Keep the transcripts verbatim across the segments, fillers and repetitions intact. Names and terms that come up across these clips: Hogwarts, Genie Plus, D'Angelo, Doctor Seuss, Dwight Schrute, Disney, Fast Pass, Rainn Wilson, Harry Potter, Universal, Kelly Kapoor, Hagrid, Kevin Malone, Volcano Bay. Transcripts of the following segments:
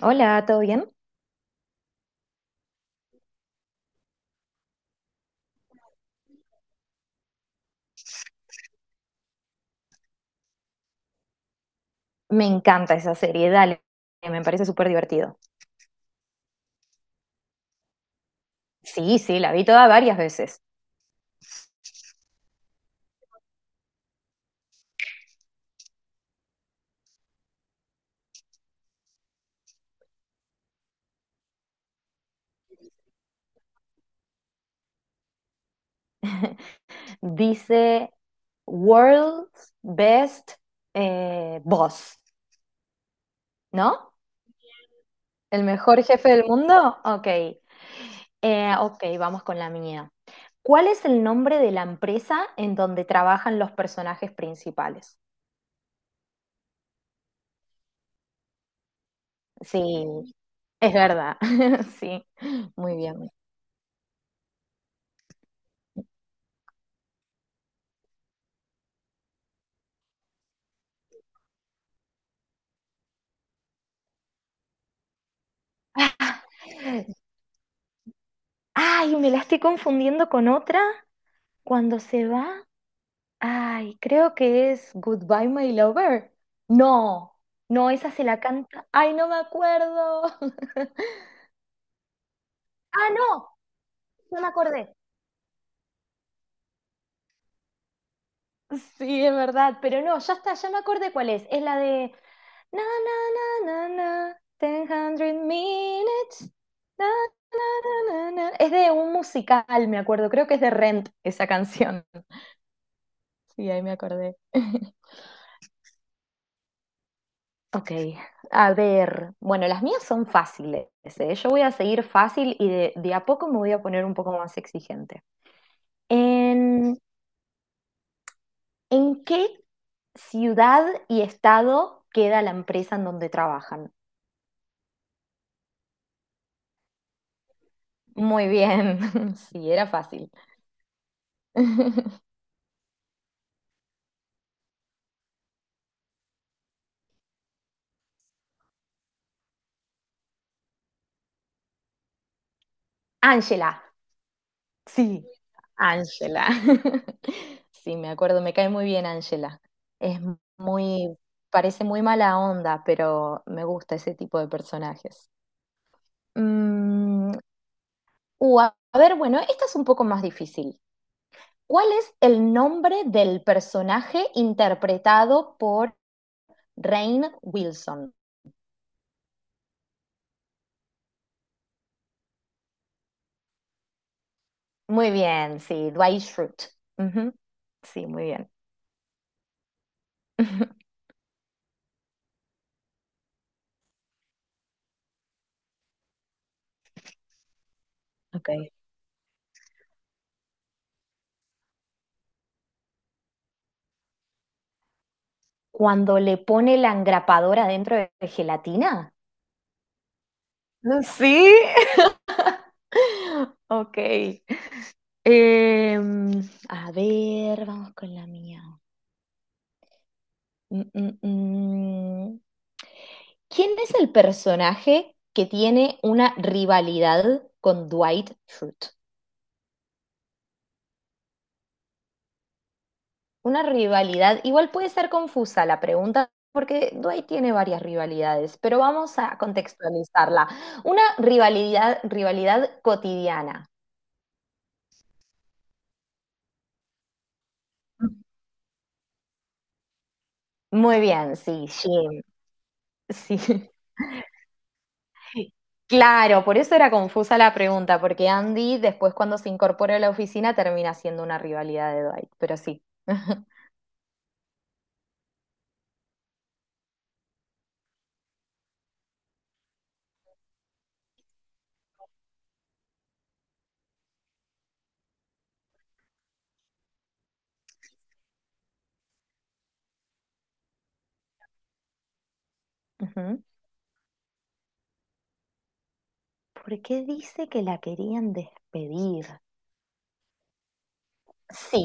Hola, ¿todo bien? Me encanta esa serie, dale, me parece súper divertido. Sí, sí, la vi toda varias veces. Dice World's Best eh, Boss, ¿no? ¿El mejor jefe del mundo? Ok. Eh, ok, vamos con la mía. ¿Cuál es el nombre de la empresa en donde trabajan los personajes principales? Sí, es verdad, sí, muy bien. Ah, ay, me la estoy confundiendo con otra cuando se va. Ay, creo que es Goodbye, My Lover. No, no, esa se la canta. Ay, no me acuerdo. Ah, no, no me acordé. Sí, es verdad, pero no, ya está, ya me acordé cuál es. Es la de na na na na na, ten hundred minutes. Na, na, na. Es de un musical, me acuerdo. Creo que es de Rent esa canción. Sí, ahí me acordé. Ok, a ver, bueno, las mías son fáciles, ¿eh? Yo voy a seguir fácil y de, de a poco me voy a poner un poco más exigente. ¿En, en qué ciudad y estado queda la empresa en donde trabajan? Muy bien, sí, era fácil. Ángela, sí, Ángela. Sí, me acuerdo, me cae muy bien Ángela. Es muy, parece muy mala onda, pero me gusta ese tipo de personajes. Mm. Uh, a a ver, bueno, esta es un poco más difícil. ¿Cuál es el nombre del personaje interpretado por Rainn Wilson? Muy bien, sí, Dwight Schrute. Ujú. Sí, muy bien. Ok. Cuando le pone la engrapadora dentro de gelatina. Sí, ok. Em, a ver, vamos con la mía. Mm, mm, mm. ¿Quién es el personaje que tiene una rivalidad con Dwight Schrute? Una rivalidad, igual puede ser confusa la pregunta, porque Dwight tiene varias rivalidades, pero vamos a contextualizarla. Una rivalidad, rivalidad cotidiana. Muy bien, sí, Jim, sí. Claro, por eso era confusa la pregunta, porque Andy después cuando se incorpora a la oficina termina siendo una rivalidad de Dwight, pero sí. Ujú. ¿Por qué dice que la querían despedir? Sí,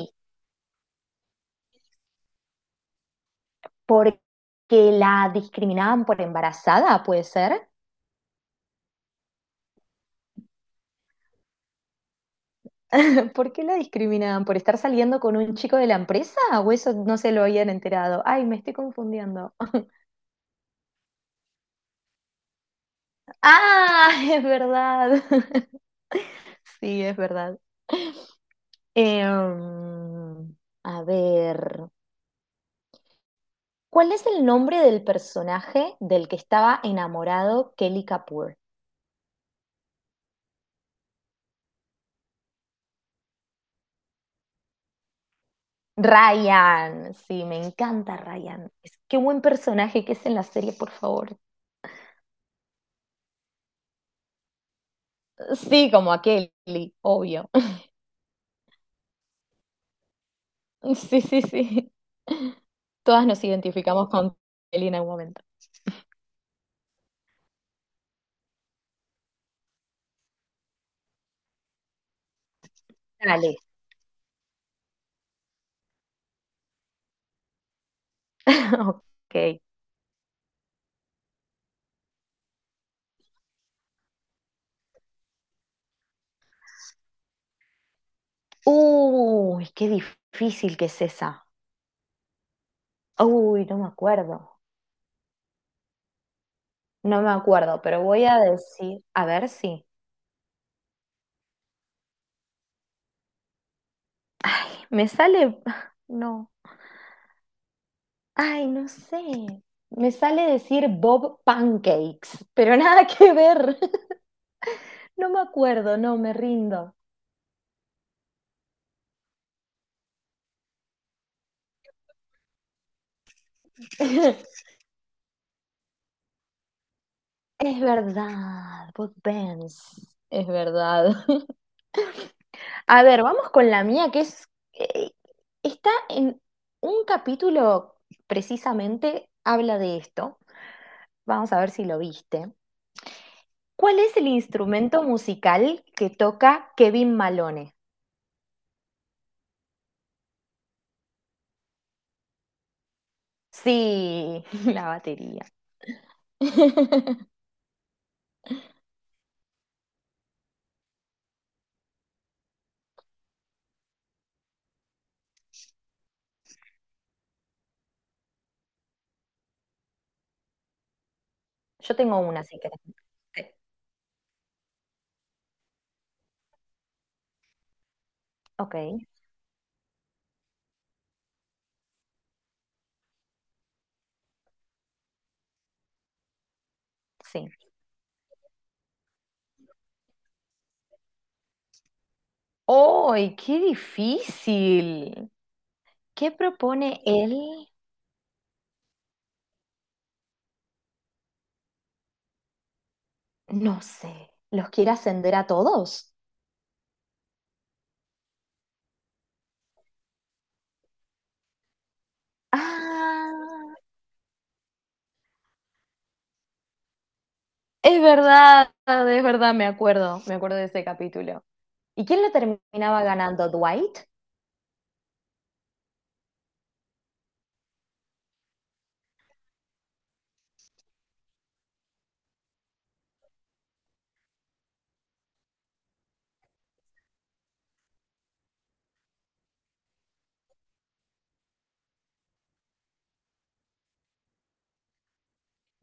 porque la discriminaban por embarazada, ¿puede ser? ¿Por qué la discriminaban? ¿Por estar saliendo con un chico de la empresa? ¿O eso no se lo habían enterado? Ay, me estoy confundiendo. Ah, es verdad. Sí, es verdad. Em, a ver, ¿cuál es el nombre del personaje del que estaba enamorado Kelly Kapoor? Ryan, sí, me encanta Ryan. Es- qué buen personaje que es en la serie, por favor. Sí, como a Kelly, obvio. Sí, sí, sí. Todas nos identificamos con Kelly en algún momento. Dale. Ok. Uy, qué difícil que es esa. Uy, no me acuerdo. No me acuerdo, pero voy a decir, a ver si. Me sale, no. Ay, no sé. Me sale decir Bob Pancakes, pero nada que ver. No me acuerdo, no, me rindo. Es verdad, Bud Benz. Es verdad. A ver, vamos con la mía, que es. eh, Está en un capítulo precisamente, habla de esto. Vamos a ver si lo viste. ¿Cuál es el instrumento musical que toca Kevin Malone? Sí, la batería. Yo tengo una, si querés. Ok, sí. ¡Ay, qué difícil! ¿Qué propone él? No sé. ¿Los quiere ascender a todos? Ah, es verdad, es verdad, me acuerdo, me acuerdo de ese capítulo. ¿Y quién lo terminaba ganando? ¿Dwight?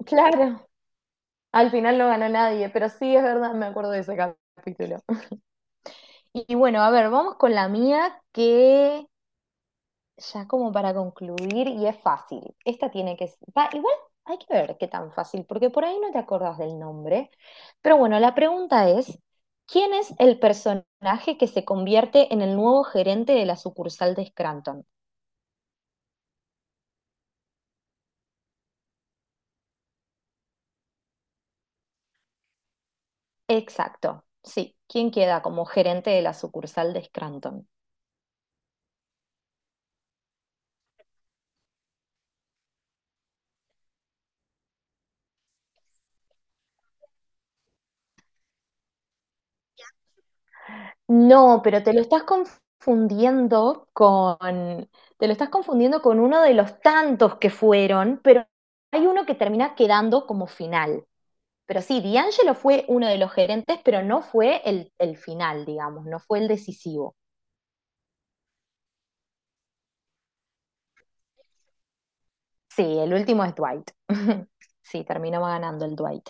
Claro, al final no ganó nadie, pero sí es verdad, me acuerdo de ese capítulo. Y bueno, a ver, vamos con la mía, que ya como para concluir, y es fácil. Esta tiene que... va, igual hay que ver qué tan fácil, porque por ahí no te acordás del nombre. Pero bueno, la pregunta es, ¿quién es el personaje que se convierte en el nuevo gerente de la sucursal de Scranton? Exacto, sí. ¿Quién queda como gerente de la sucursal de Scranton? No, pero te lo estás confundiendo con... te lo estás confundiendo con uno de los tantos que fueron, pero hay uno que termina quedando como final. Pero sí, D'Angelo fue uno de los gerentes, pero no fue el, el final, digamos, no fue el decisivo. Sí, el último es Dwight. Sí, terminó ganando el Dwight.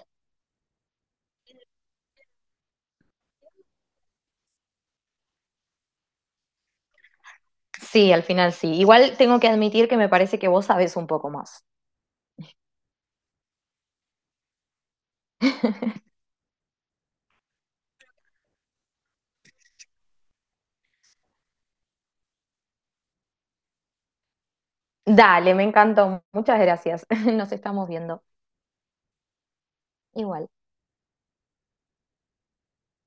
Sí, al final sí. Igual tengo que admitir que me parece que vos sabés un poco más. Dale, me encantó. Muchas gracias. Nos estamos viendo. Igual.